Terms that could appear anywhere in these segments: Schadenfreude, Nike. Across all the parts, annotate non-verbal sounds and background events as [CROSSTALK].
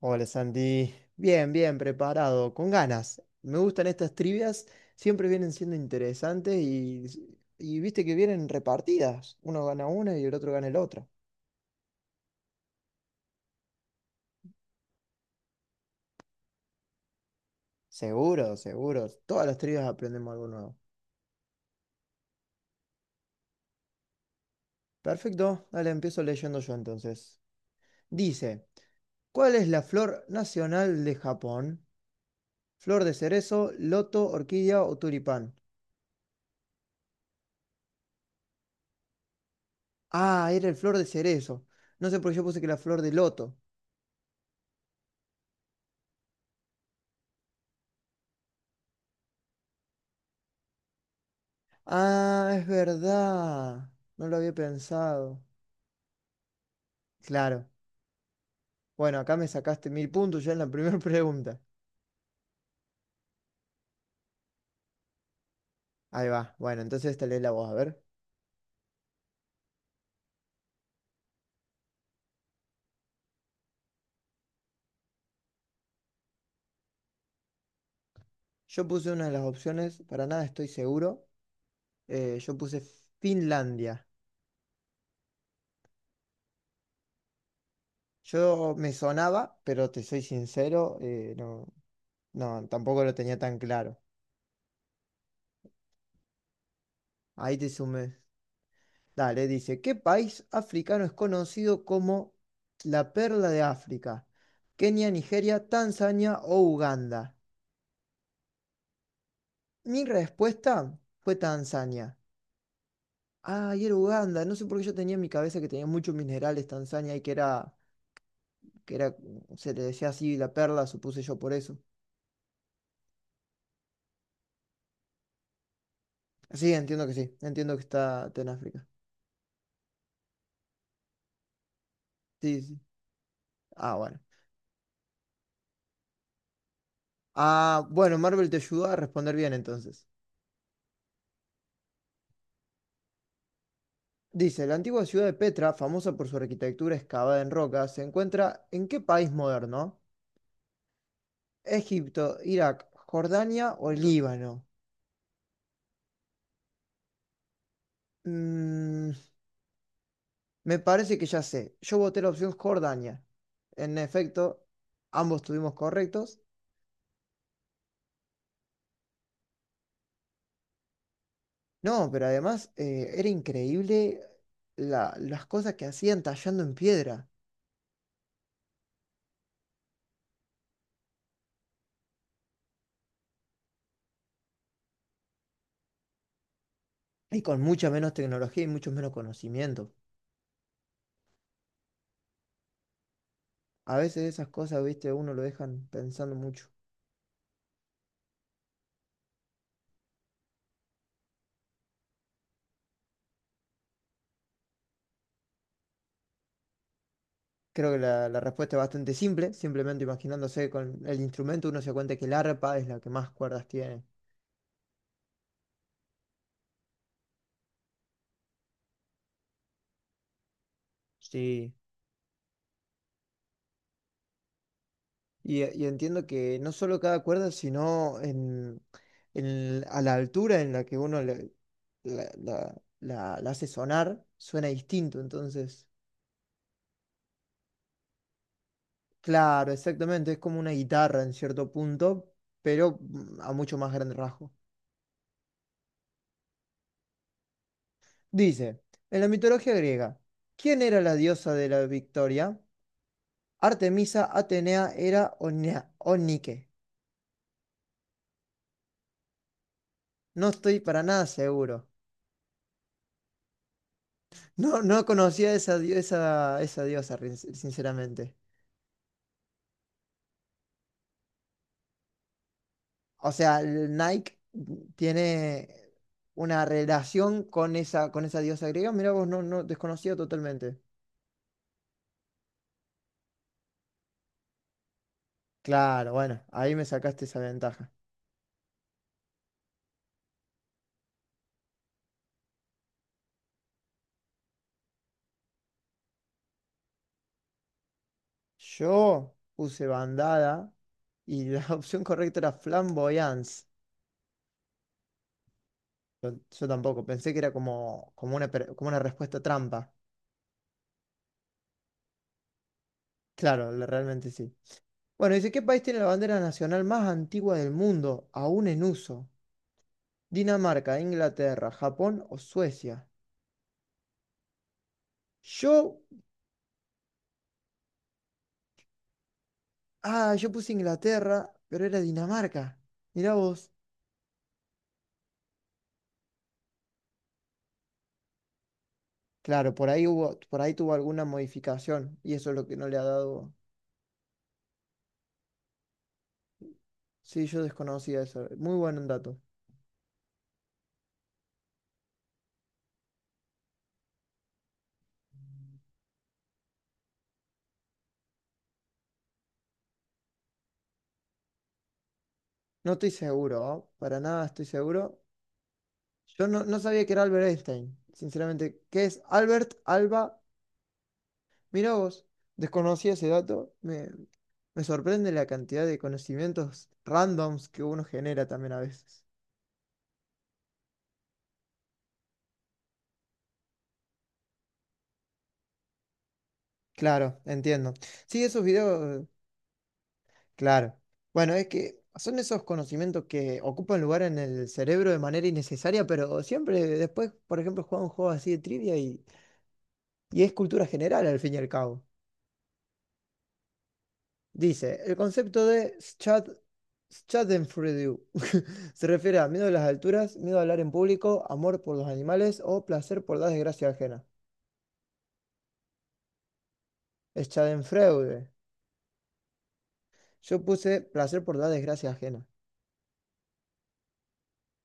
Hola Santi, bien, bien, preparado, con ganas. Me gustan estas trivias, siempre vienen siendo interesantes y viste que vienen repartidas. Uno gana una y el otro gana el otro. Seguro, seguro. Todas las trivias aprendemos algo nuevo. Perfecto, dale, empiezo leyendo yo entonces. Dice, ¿cuál es la flor nacional de Japón? ¿Flor de cerezo, loto, orquídea o tulipán? Ah, era el flor de cerezo. No sé por qué yo puse que la flor de loto. Ah, es verdad. No lo había pensado. Claro. Bueno, acá me sacaste 1000 puntos ya en la primera [LAUGHS] pregunta. Ahí va. Bueno, entonces esta lees la voz. A ver. Yo puse una de las opciones, para nada estoy seguro. Yo puse Finlandia. Yo me sonaba, pero te soy sincero, no, no, tampoco lo tenía tan claro. Ahí te sumé. Dale, dice, ¿qué país africano es conocido como la perla de África? Kenia, Nigeria, Tanzania o Uganda. Mi respuesta fue Tanzania. Ah, y era Uganda. No sé por qué yo tenía en mi cabeza que tenía muchos minerales Tanzania y que era, que era, se le decía así la perla, supuse yo por eso. Sí. Entiendo que está en África. Sí, sí. Sí. Ah, bueno. Ah, bueno, Marvel te ayudó a responder bien entonces. Dice, ¿la antigua ciudad de Petra, famosa por su arquitectura excavada en roca, se encuentra en qué país moderno? Egipto, Irak, Jordania o Líbano. Mm, Me parece que ya sé. Yo voté la opción Jordania. En efecto, ambos estuvimos correctos. No, pero además era increíble las cosas que hacían tallando en piedra y con mucha menos tecnología y mucho menos conocimiento. A veces esas cosas, viste, uno lo dejan pensando mucho. Creo que la respuesta es bastante simple, simplemente imaginándose con el instrumento uno se da cuenta que el arpa es la que más cuerdas tiene. Sí, y entiendo que no solo cada cuerda, sino en a la altura en la que uno le- la- la- la hace sonar, suena distinto. Entonces, claro, exactamente, es como una guitarra en cierto punto, pero a mucho más grande rasgo. Dice, en la mitología griega, ¿quién era la diosa de la victoria? Artemisa, Atenea era Onike. No estoy para nada seguro. No, no conocía esa diosa, sinceramente. O sea, el Nike tiene una relación con esa diosa griega. Mira vos, no, no, desconocía totalmente. Claro, bueno, ahí me sacaste esa ventaja. Yo puse bandada y la [LAUGHS] opción correcta era flamboyance. Yo, yo tampoco, pensé que era como una respuesta trampa. Claro, realmente sí. Bueno, dice, ¿qué país tiene la bandera nacional más antigua del mundo, aún en uso? ¿Dinamarca, Inglaterra, Japón o Suecia? Yo Ah, yo puse Inglaterra, pero era Dinamarca. Mirá vos. Claro, por ahí tuvo alguna modificación y eso es lo que no le ha dado. Sí, yo desconocía eso. Muy buen dato. No estoy seguro, ¿oh? Para nada estoy seguro. Yo no sabía que era Albert Einstein, sinceramente. ¿Qué es Albert Alba? Mirá vos, desconocía ese dato. Me sorprende la cantidad de conocimientos randoms que uno genera también a veces. Claro, entiendo. Sí, esos videos. Claro. Bueno, es que son esos conocimientos que ocupan lugar en el cerebro de manera innecesaria, pero siempre después, por ejemplo, juega un juego así de trivia y es cultura general al fin y al cabo. Dice, el concepto de Schadenfreude [LAUGHS] se refiere a miedo a las alturas, miedo a hablar en público, amor por los animales o placer por la desgracia ajena. Schadenfreude. Yo puse placer por la desgracia ajena.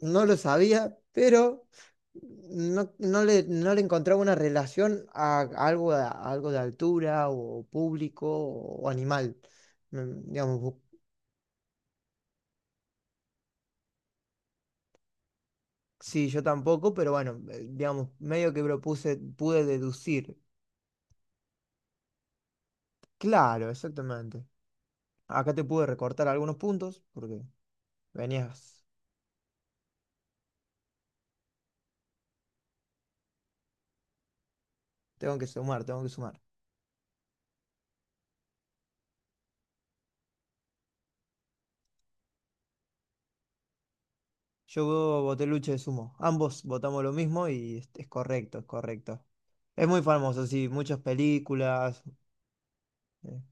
No lo sabía, pero no le encontraba una relación a algo, a algo de altura o público o animal. Digamos, sí, yo tampoco, pero bueno, digamos, medio que propuse, pude deducir. Claro, exactamente. Acá te pude recortar algunos puntos porque venías, tengo que sumar, tengo que sumar. Yo voté lucha de sumo. Ambos votamos lo mismo y es correcto, es correcto. Es muy famoso, sí, muchas películas. eh,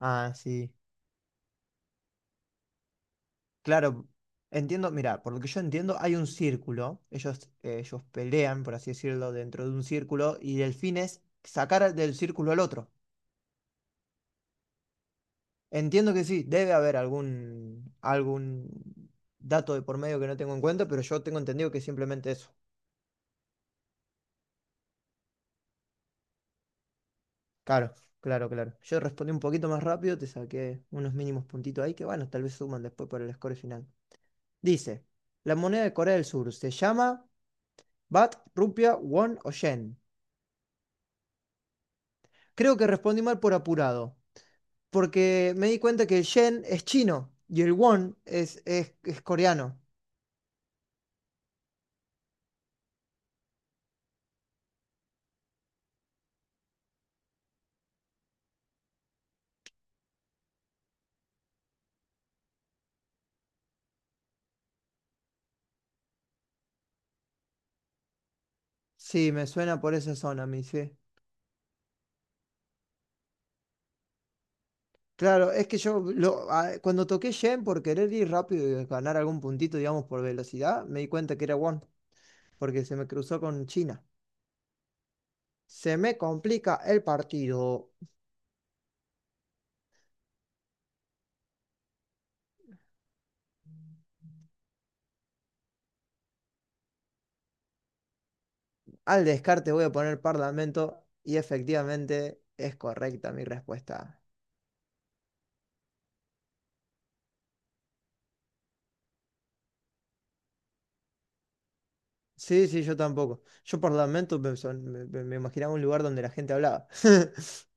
Ah, sí. Claro, entiendo, mira, por lo que yo entiendo, hay un círculo, ellos pelean, por así decirlo, dentro de un círculo, y el fin es sacar del círculo al otro. Entiendo que sí, debe haber algún dato de por medio que no tengo en cuenta, pero yo tengo entendido que es simplemente eso. Claro, claro, claro. Yo respondí un poquito más rápido, te saqué unos mínimos puntitos ahí que, bueno, tal vez suman después por el score final. Dice, la moneda de Corea del Sur se llama Bat, Rupia, Won o Yen. Creo que respondí mal por apurado, porque me di cuenta que el yen es chino y el won es coreano. Sí, me suena por esa zona a mí, sí. Claro, es que yo cuando toqué yen por querer ir rápido y ganar algún puntito, digamos, por velocidad, me di cuenta que era won, porque se me cruzó con China. Se me complica el partido. Al descarte voy a poner parlamento y efectivamente es correcta mi respuesta. Sí, sí, yo tampoco. Yo por Lamento me, son- me- me- me imaginaba un lugar donde la gente hablaba. [LAUGHS]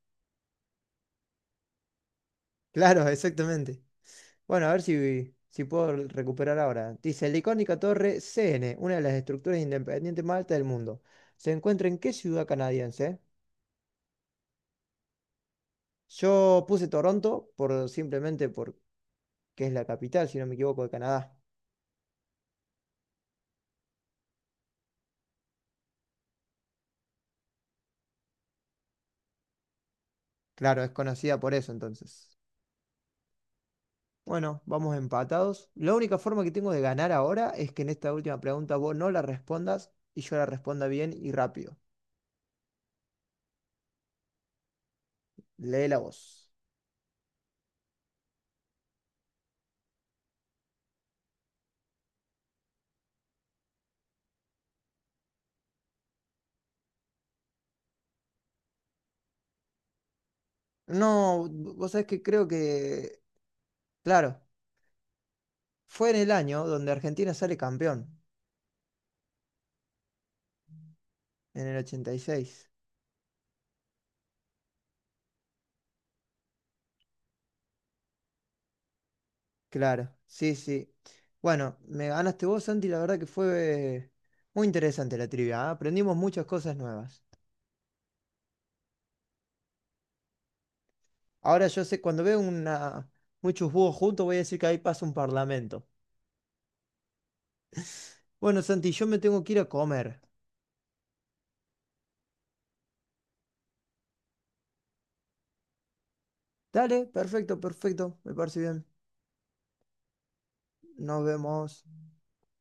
Claro, exactamente. Bueno, a ver si puedo recuperar ahora. Dice, la icónica torre CN, una de las estructuras independientes más altas del mundo. ¿Se encuentra en qué ciudad canadiense? Yo puse Toronto por simplemente porque es la capital, si no me equivoco, de Canadá. Claro, es conocida por eso entonces. Bueno, vamos empatados. La única forma que tengo de ganar ahora es que en esta última pregunta vos no la respondas y yo la responda bien y rápido. Lee la voz. No, vos sabés que creo que, claro, fue en el año donde Argentina sale campeón, en el 86. Claro, sí, sí. Bueno, me ganaste vos, Santi, la verdad que fue muy interesante la trivia, ¿ah? Aprendimos muchas cosas nuevas. Ahora yo sé, cuando veo muchos búhos juntos, voy a decir que ahí pasa un parlamento. Bueno, Santi, yo me tengo que ir a comer. Dale, perfecto, perfecto. Me parece bien. Nos vemos.